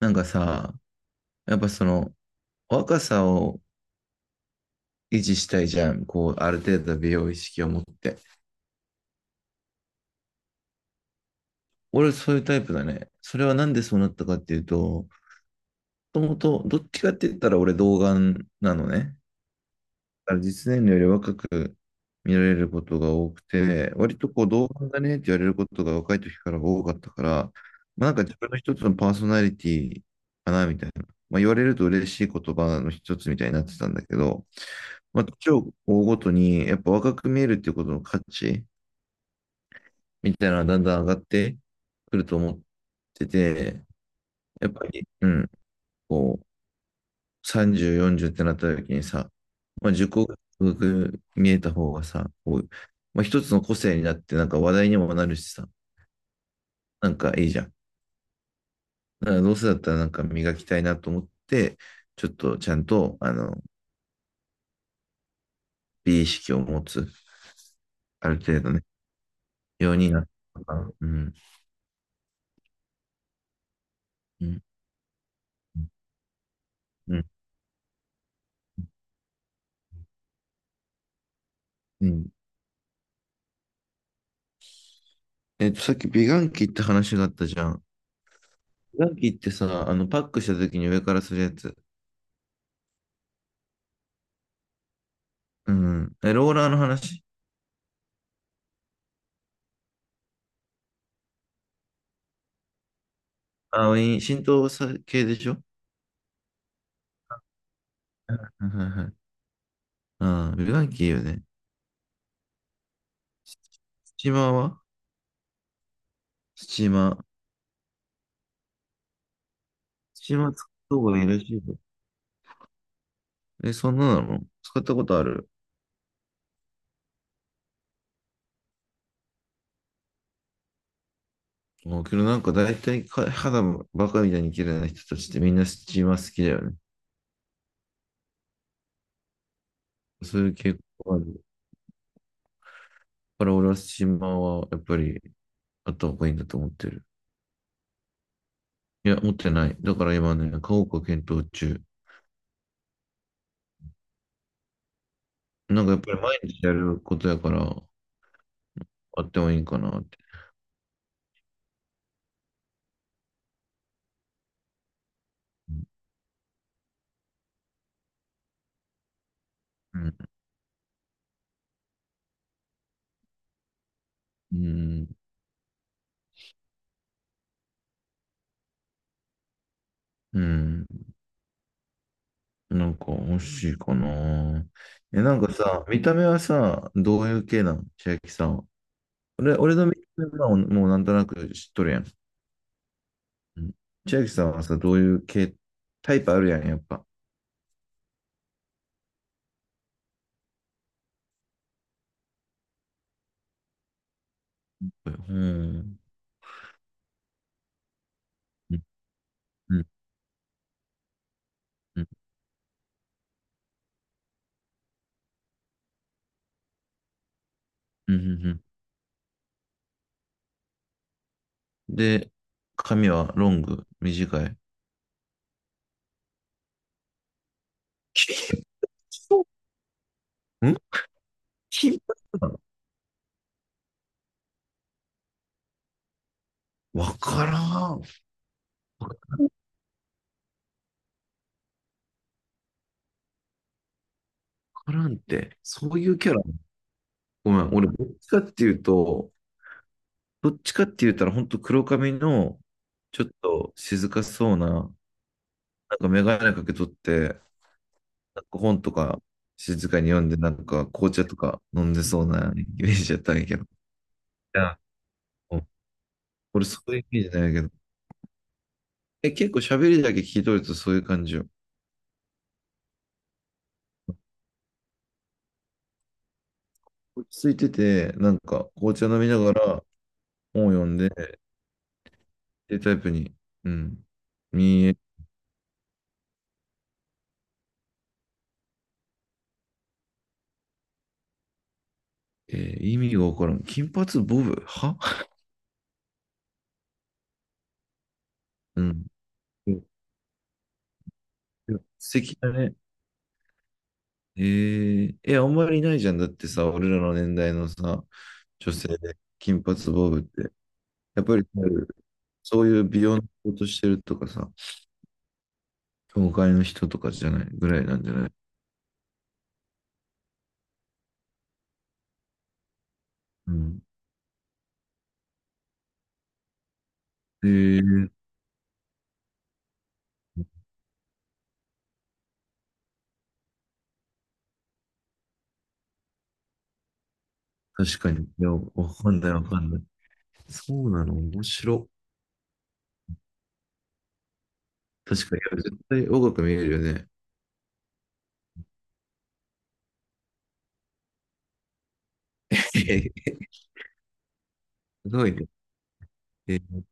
なんかさ、やっぱ若さを維持したいじゃん。こう、ある程度美容意識を持って。俺そういうタイプだね。それはなんでそうなったかっていうと、もともとどっちかって言ったら俺童顔なのね。から実年齢より若く見られることが多くて、割とこう同伴だねって言われることが若い時から多かったから、まあ、なんか自分の一つのパーソナリティかなみたいな、まあ、言われると嬉しい言葉の一つみたいになってたんだけど、まあ、年を追うごとにやっぱ若く見えるっていうことの価値みたいなのがだんだん上がってくると思ってて、やっぱり、うん、こう、30、40ってなった時にさ、まあ、受講が見えた方がさ、こう、まあ、一つの個性になって、なんか話題にもなるしさ、なんかいいじゃん。だからどうせだったらなんか磨きたいなと思って、ちょっとちゃんと、美意識を持つ、ある程度ね、ようになったから、うん。うん。うん。うん。さっき美顔器って話があったじゃん。美顔器ってさ、パックした時に上からするやつ。うん。え、ローラーの話。あ、いい浸透さ系でしょ？はいはいはい。 ああ、美顔器いいよね。スチーマーはスチーマー。スチーマー使った方がいいらしいよ。え、そんななの使ったことある？もうけどなんか大体か、肌バカみたいに綺麗な人たちってみんなスチーマー好きだよね。そういう傾向がある。だから俺はスチーマーはやっぱりあった方がいいんだと思ってる。いや、持ってない。だから今ね、買おうか検討中。なんかやっぱり毎日やることやから、あってもいいかなって。うん。うん。うん。うん、なんか欲しいかな。え、なんかさ、見た目はさ、どういう系なの、千秋さんは。俺の見た目はもうなんとなく知っとるやん。うん。千秋さんはさ、どういう系、タイプあるやん、やっぱ。うん。うん。うん。うん。うん。うん。で、髪はロング、短い？金髪ん金髪なの？わからん。わからんって。そういうキャラ。ごめん、俺、どっちかっていうと、どっちかって言ったら、本当黒髪の、ちょっと静かそうな、眼鏡かけとって、なんか本とか静かに読んで、なんか紅茶とか飲んでそうなイメージやったんやけど。いや、もう俺そういうイメージないけど。え、結構喋りだけ聞いとるとそういう感じよ。落ち着いてて、なんか紅茶飲みながら本を読んで、っていうタイプに、うん、見え、え意味がわからん。金髪ボブは、うん。うん、素敵だね。え、あんまりいないじゃん。だってさ、俺らの年代のさ、女性で金髪ボブって。やっぱり、そういう美容の仕事してるとかさ、教会の人とかじゃないぐらいなんじゃない？うん。えー、確かに。いや、わかんないわかんない。そうなの、面白。確かに、いや絶対若く見えるよね。すごいね。えー、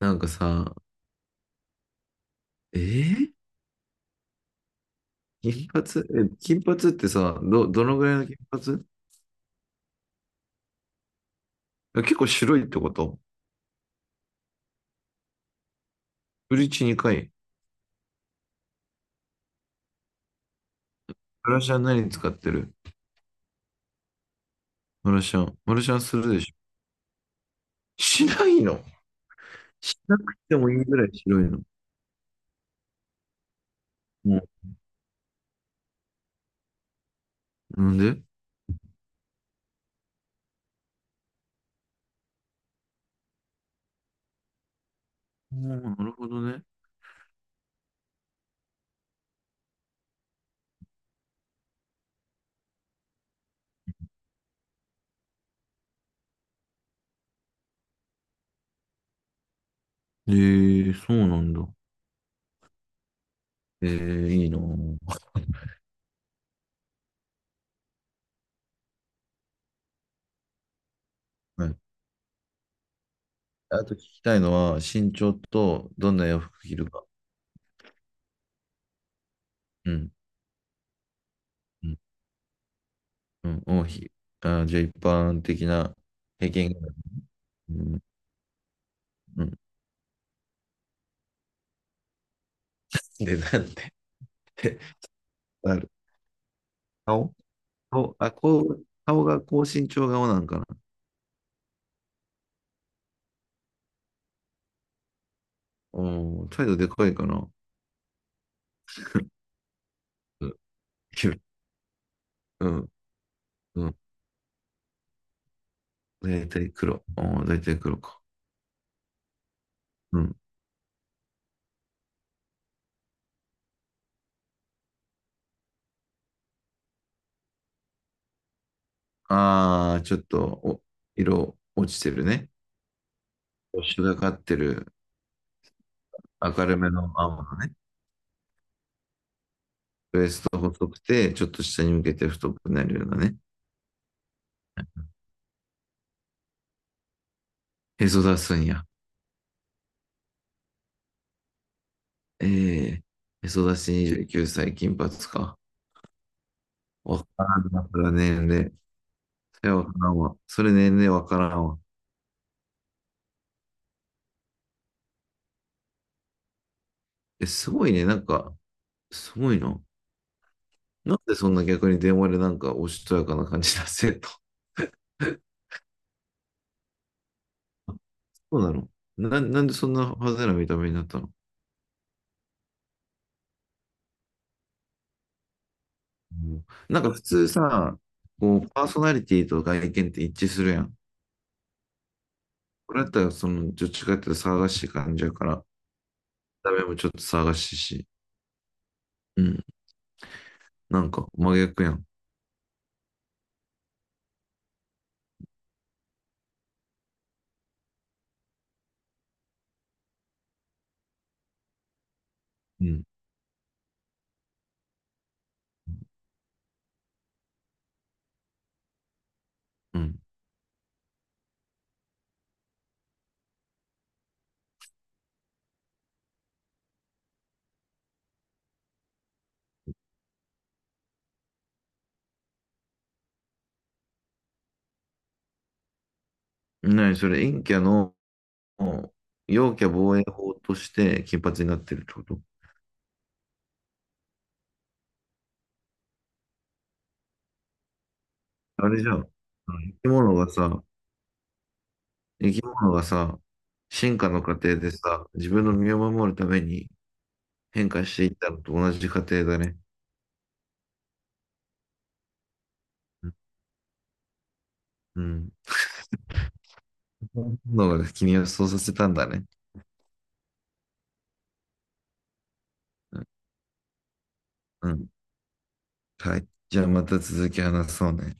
なんかさ、えー、金髪、金髪ってさ、どのぐらいの金髪？結構白いってこと？ブリーチ2回。マラシャン何使ってる？マラシャン。マラシャンするでしょ？しないの？しなくてもいいぐらい白いの？もう、なんで？あー、なるほどね。えー、そうなんだ。えー、いいなぁ。はい。あと聞きたいのは、身長とどんな洋服着るか。うん。うん。うん。王妃。あー、じゃあ一般的な経験が。うん。うん。で、なんて。ある。顔顔、あ、こう、顔が高身長顔なんかな。おー、態度でかいかな。うん。きゅううん、うん。だいたい黒。おー、だいたい黒か。うん。あー、ちょっと、お、色落ちてるね。よし。がかってる。明るめの青のね。ウエスト細くて、ちょっと下に向けて太くなるようなね。へそ出すんや。ええ、へそ出し29歳、金髪か。わからんな、それは年齢。それはわからんわ。それ年齢わからんわ。え、すごいね。なんか、すごいな。なんでそんな逆に電話でなんかおしとやかな感じ出せと。そうなの？な、なんでそんな派手な見た目になったの？うん、なんか普通さ、こう、パーソナリティと外見って一致するやん。これだったら、その、どっちかっていうと騒がしい感じやから、見た目もちょっと騒がしいし。うん。なんか真逆やん。うん。うん。なにそれ、陰キャの、陽キャ防衛法として金髪になってるってこと？あれじゃん。あの生き物がさ、生き物がさ、進化の過程でさ、自分の身を守るために変化していったのと同じ過程だね。うん。のがね君をそうさせたんだね。うん。はい。じゃあまた続き話そうね。